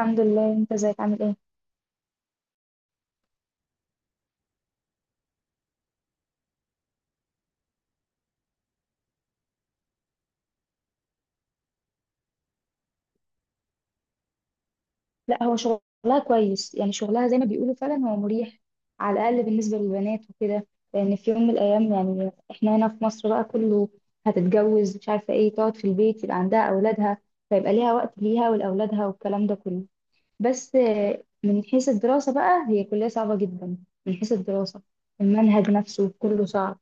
الحمد لله، انت ازيك؟ عامل ايه؟ لا، هو شغلها كويس، يعني شغلها زي ما بيقولوا فعلا هو مريح، على الاقل بالنسبه للبنات وكده. لان في يوم من الايام يعني احنا هنا في مصر بقى كله هتتجوز مش عارفه ايه، تقعد في البيت، يبقى عندها اولادها، فيبقى ليها وقت ليها ولاولادها والكلام ده كله. بس من حيث الدراسه بقى هي كليه صعبه جدا. من حيث الدراسه، المنهج نفسه كله صعب.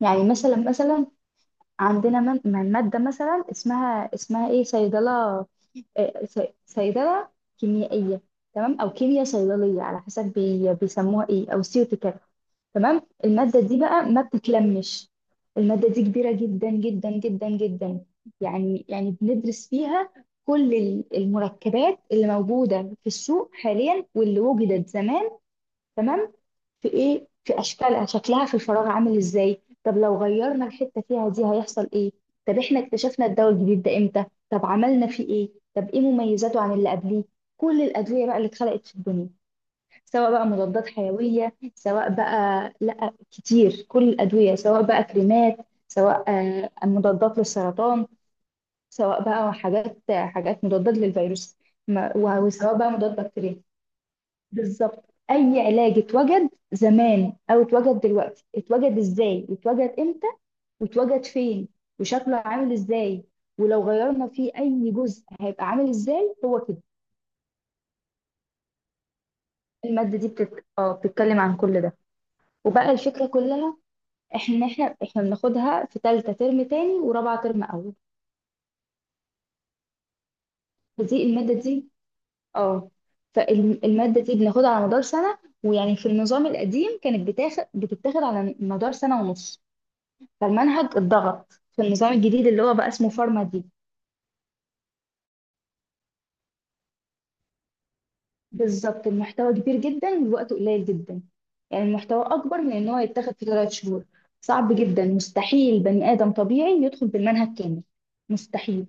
يعني مثلا عندنا مادة مثلا اسمها، ايه، صيدلة. صيدلة كيميائية. تمام، أو كيمياء صيدلية، على حسب بيسموها ايه، أو سيوتيكال. تمام، المادة دي بقى ما بتتلمش. المادة دي كبيرة جدا جدا جدا جدا. يعني بندرس فيها كل المركبات اللي موجودة في السوق حاليا واللي وجدت زمان. تمام، في ايه، في اشكالها، شكلها في الفراغ عامل ازاي، طب لو غيرنا الحته فيها دي هيحصل ايه، طب احنا اكتشفنا الدواء الجديد ده امتى، طب عملنا فيه ايه، طب ايه مميزاته عن اللي قبليه. كل الادويه بقى اللي اتخلقت في الدنيا، سواء بقى مضادات حيويه، سواء بقى لا كتير، كل الادويه، سواء بقى كريمات، سواء مضادات للسرطان، سواء بقى حاجات مضادات للفيروس. ما- وسواء بقى مضاد بكتيريا. بالظبط. اي علاج اتوجد زمان او اتوجد دلوقتي، اتوجد ازاي، واتوجد امتى، واتوجد فين، وشكله عامل ازاي، ولو غيرنا فيه اي جزء هيبقى عامل ازاي، هو كده. المادة دي بتت... اه بتتكلم عن كل ده. وبقى الفكرة كلها، احنا بناخدها في تالتة ترم تاني ورابعة ترم اول. فدي المادة دي. اه. فالمادة دي بناخدها على مدار سنة. ويعني في النظام القديم كانت بتتاخد على مدار سنة ونص. فالمنهج اتضغط في النظام الجديد اللي هو بقى اسمه فارما دي. بالظبط، المحتوى كبير جدا والوقت قليل جدا. يعني المحتوى أكبر من إن هو يتاخد في ثلاث شهور. صعب جدا، مستحيل بني آدم طبيعي يدخل بالمنهج كامل. مستحيل.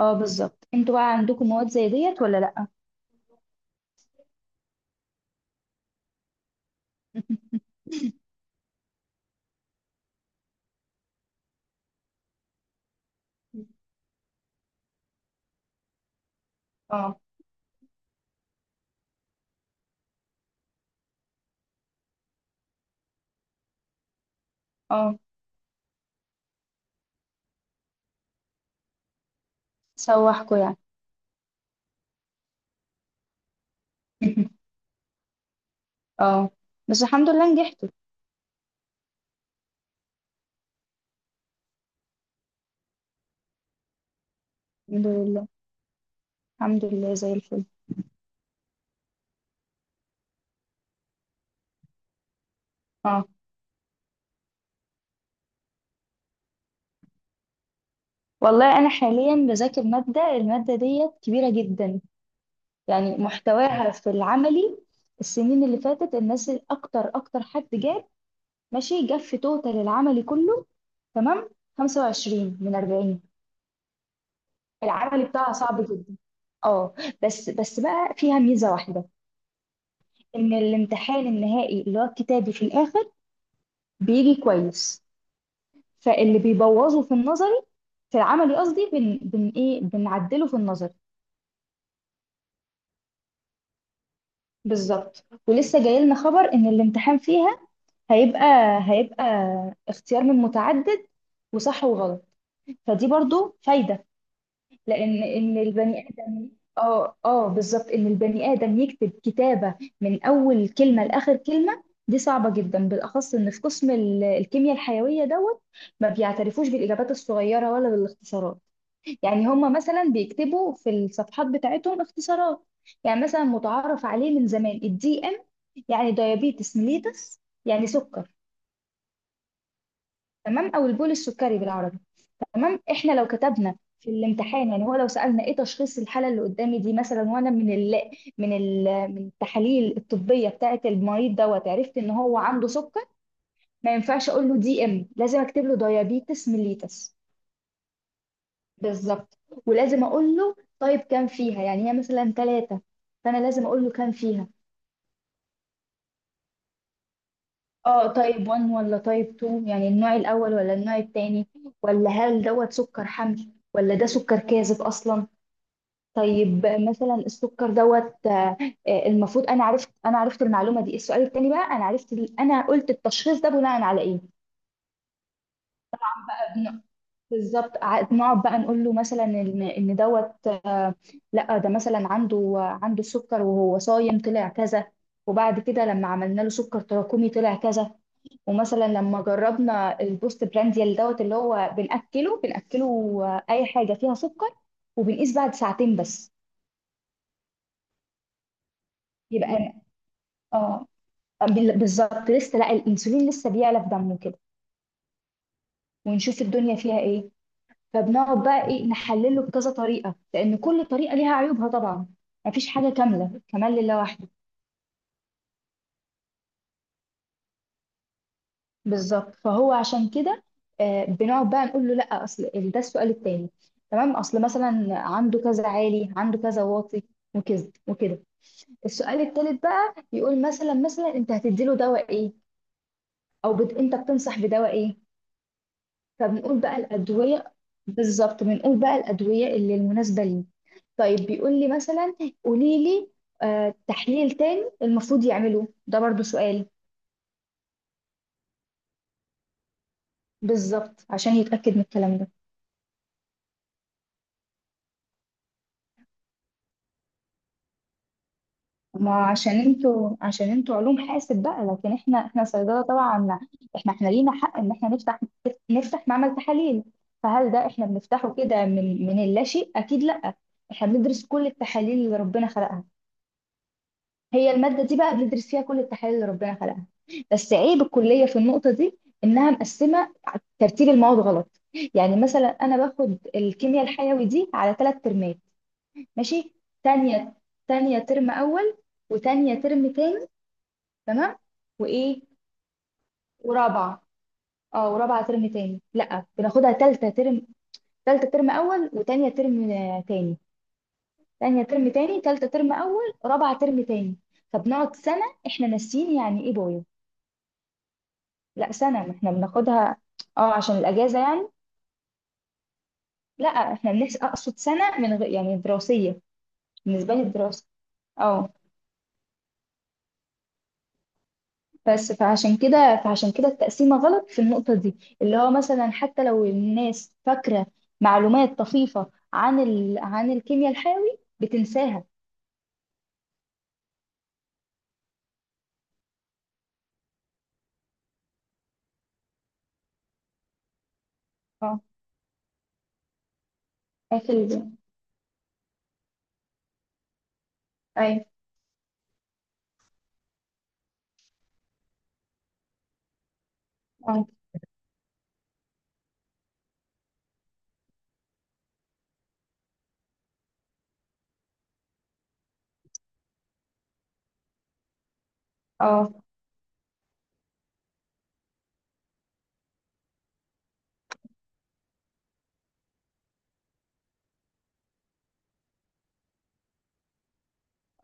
اه، بالظبط. انتوا بقى عندكم مواد زي ديت ولا لأ؟ اه، اه، سوحكوا يعني. اه، بس الحمد لله نجحتوا. الحمد لله. الحمد لله زي الفل. اه، والله انا حاليا بذاكر الماده ديت كبيره جدا. يعني محتواها في العملي، السنين اللي فاتت الناس اكتر، اكتر حد جاب، ماشي، جاب في توتال العملي كله، تمام، 25 من 40. العملي بتاعها صعب جدا. اه، بس بقى فيها ميزة واحدة. ان الامتحان النهائي اللي هو الكتابي في الاخر بيجي كويس. فاللي بيبوظه في النظري، في العملي قصدي، بن, بن ايه بنعدله في النظري. بالظبط، ولسه جاي لنا خبر ان الامتحان فيها هيبقى هيبقى اختيار من متعدد، وصح وغلط. فدي برضو فايدة. لأن إن البني آدم. اه، اه، بالظبط، إن البني آدم يكتب كتابة من أول كلمة لآخر كلمة دي صعبة جدا، بالأخص إن في قسم الكيمياء الحيوية دوت ما بيعترفوش بالإجابات الصغيرة ولا بالاختصارات. يعني هما مثلا بيكتبوا في الصفحات بتاعتهم اختصارات. يعني مثلا متعارف عليه من زمان، الدي إم، يعني دايابيتس ميليتس، يعني سكر. تمام، او البول السكري بالعربي. تمام، احنا لو كتبنا في الامتحان، يعني هو لو سالنا ايه تشخيص الحاله اللي قدامي دي مثلا، وانا من ال من التحاليل الطبيه بتاعه المريض دوت عرفت ان هو عنده سكر، ما ينفعش اقول له دي ام، لازم اكتب له دايابيتس ميليتس. بالظبط، ولازم اقول له طيب كام فيها، يعني هي مثلا ثلاثه، فانا لازم اقول له كام فيها. اه، طيب 1 ولا طيب 2، يعني النوع الاول ولا النوع الثاني، ولا هل دوت سكر حمل، ولا ده سكر كاذب اصلا. طيب مثلا السكر دوت، المفروض انا عرفت، المعلومه دي. السؤال التاني بقى، انا عرفت انا قلت التشخيص ده بناء على ايه. بن- بالظبط. نقعد بقى نقول له مثلا ان دوت، لا، ده مثلا عنده سكر وهو صايم طلع كذا. وبعد كده لما عملنا له سكر تراكمي طلع كذا. ومثلا لما جربنا البوست برانديال دوت اللي هو بنأكله اي حاجه فيها سكر، وبنقيس بعد ساعتين بس. يبقى اه بالظبط، لسه لا، الانسولين لسه بيعلى في دمه كده، ونشوف الدنيا فيها ايه. فبنقعد بقى ايه، نحلله بكذا طريقه، لان كل طريقه ليها عيوبها طبعا. مفيش حاجه كامله، كمال لله وحده. بالظبط، فهو عشان كده بنقعد بقى نقول له، لا اصل ده السؤال التاني. تمام، اصل مثلا عنده كذا عالي، عنده كذا واطي، وكذا وكده. السؤال التالت بقى يقول، مثلا، انت هتديله دواء ايه، او انت بتنصح بدواء ايه. فبنقول بقى الأدوية. بالظبط، بنقول بقى الأدوية اللي المناسبة ليه. طيب بيقول لي مثلا، قولي لي تحليل تاني المفروض يعمله، ده برضو سؤال. بالظبط، عشان يتأكد من الكلام ده. ما عشان انتوا، علوم حاسب بقى، لكن احنا، صيدلة طبعا. احنا، لينا حق ان احنا نفتح معمل تحاليل. فهل ده احنا بنفتحه كده من اللاشيء؟ أكيد لأ. احنا بندرس كل التحاليل اللي ربنا خلقها. هي المادة دي بقى بندرس فيها كل التحاليل اللي ربنا خلقها. بس عيب الكلية في النقطة دي إنها مقسمة، ترتيب المواد غلط. يعني مثلا أنا باخد الكيمياء الحيوي دي على ثلاث ترمات. ماشي. تانية تانية ترم أول وتانية ترم تاني. تمام. وإيه. ورابعة. اه، ورابعة ترم تاني، لأ بناخدها تالتة ترم، تالتة ترم أول وتانية ترم تاني. تانية ترم تاني، تالتة ترم أول، رابعة ترم تاني. فبنقعد سنة إحنا ناسيين يعني إيه بايو. لا سنة، ما احنا بناخدها. اه، عشان الأجازة يعني. لا، احنا بنحس، أقصد سنة من غير يعني دراسية. بالنسبة لي الدراسة. اه. بس، فعشان كده التقسيمة غلط في النقطة دي. اللي هو مثلا حتى لو الناس فاكرة معلومات طفيفة عن عن الكيمياء الحيوي بتنساها. اه، قافل. ايوه. اه، اه،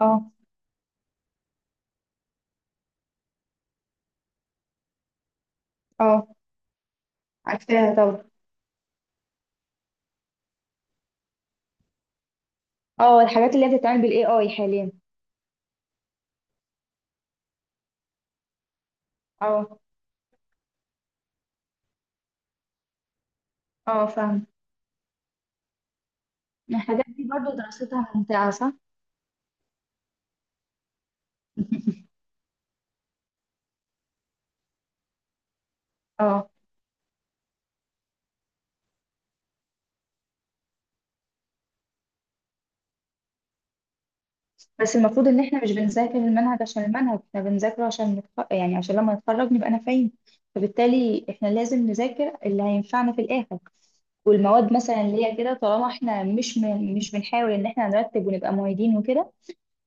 اه، اه. عارفاها طبعا. اه، الحاجات اللي هي بتتعمل بالاي اي حاليا. اه، اه، فاهم. الحاجات دي برضو دراستها ممتعة، صح؟ اه، بس المفروض ان احنا مش بنذاكر المنهج عشان المنهج، احنا بنذاكره عشان نتخ... يعني عشان لما نتخرج نبقى نافعين. فبالتالي احنا لازم نذاكر اللي هينفعنا في الاخر. والمواد مثلا اللي هي كده، طالما احنا مش بنحاول ان احنا نرتب ونبقى معيدين وكده،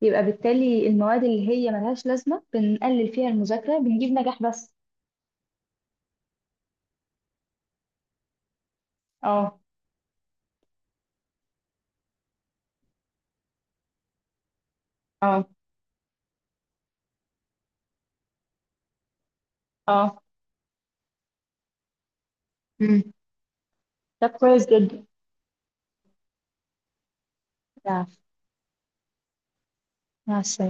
يبقى بالتالي المواد اللي هي ملهاش لازمة بنقلل فيها المذاكرة، بنجيب نجاح بس. اه، اه، اه، امم. طب كويس جدا. يا- مع السلامة.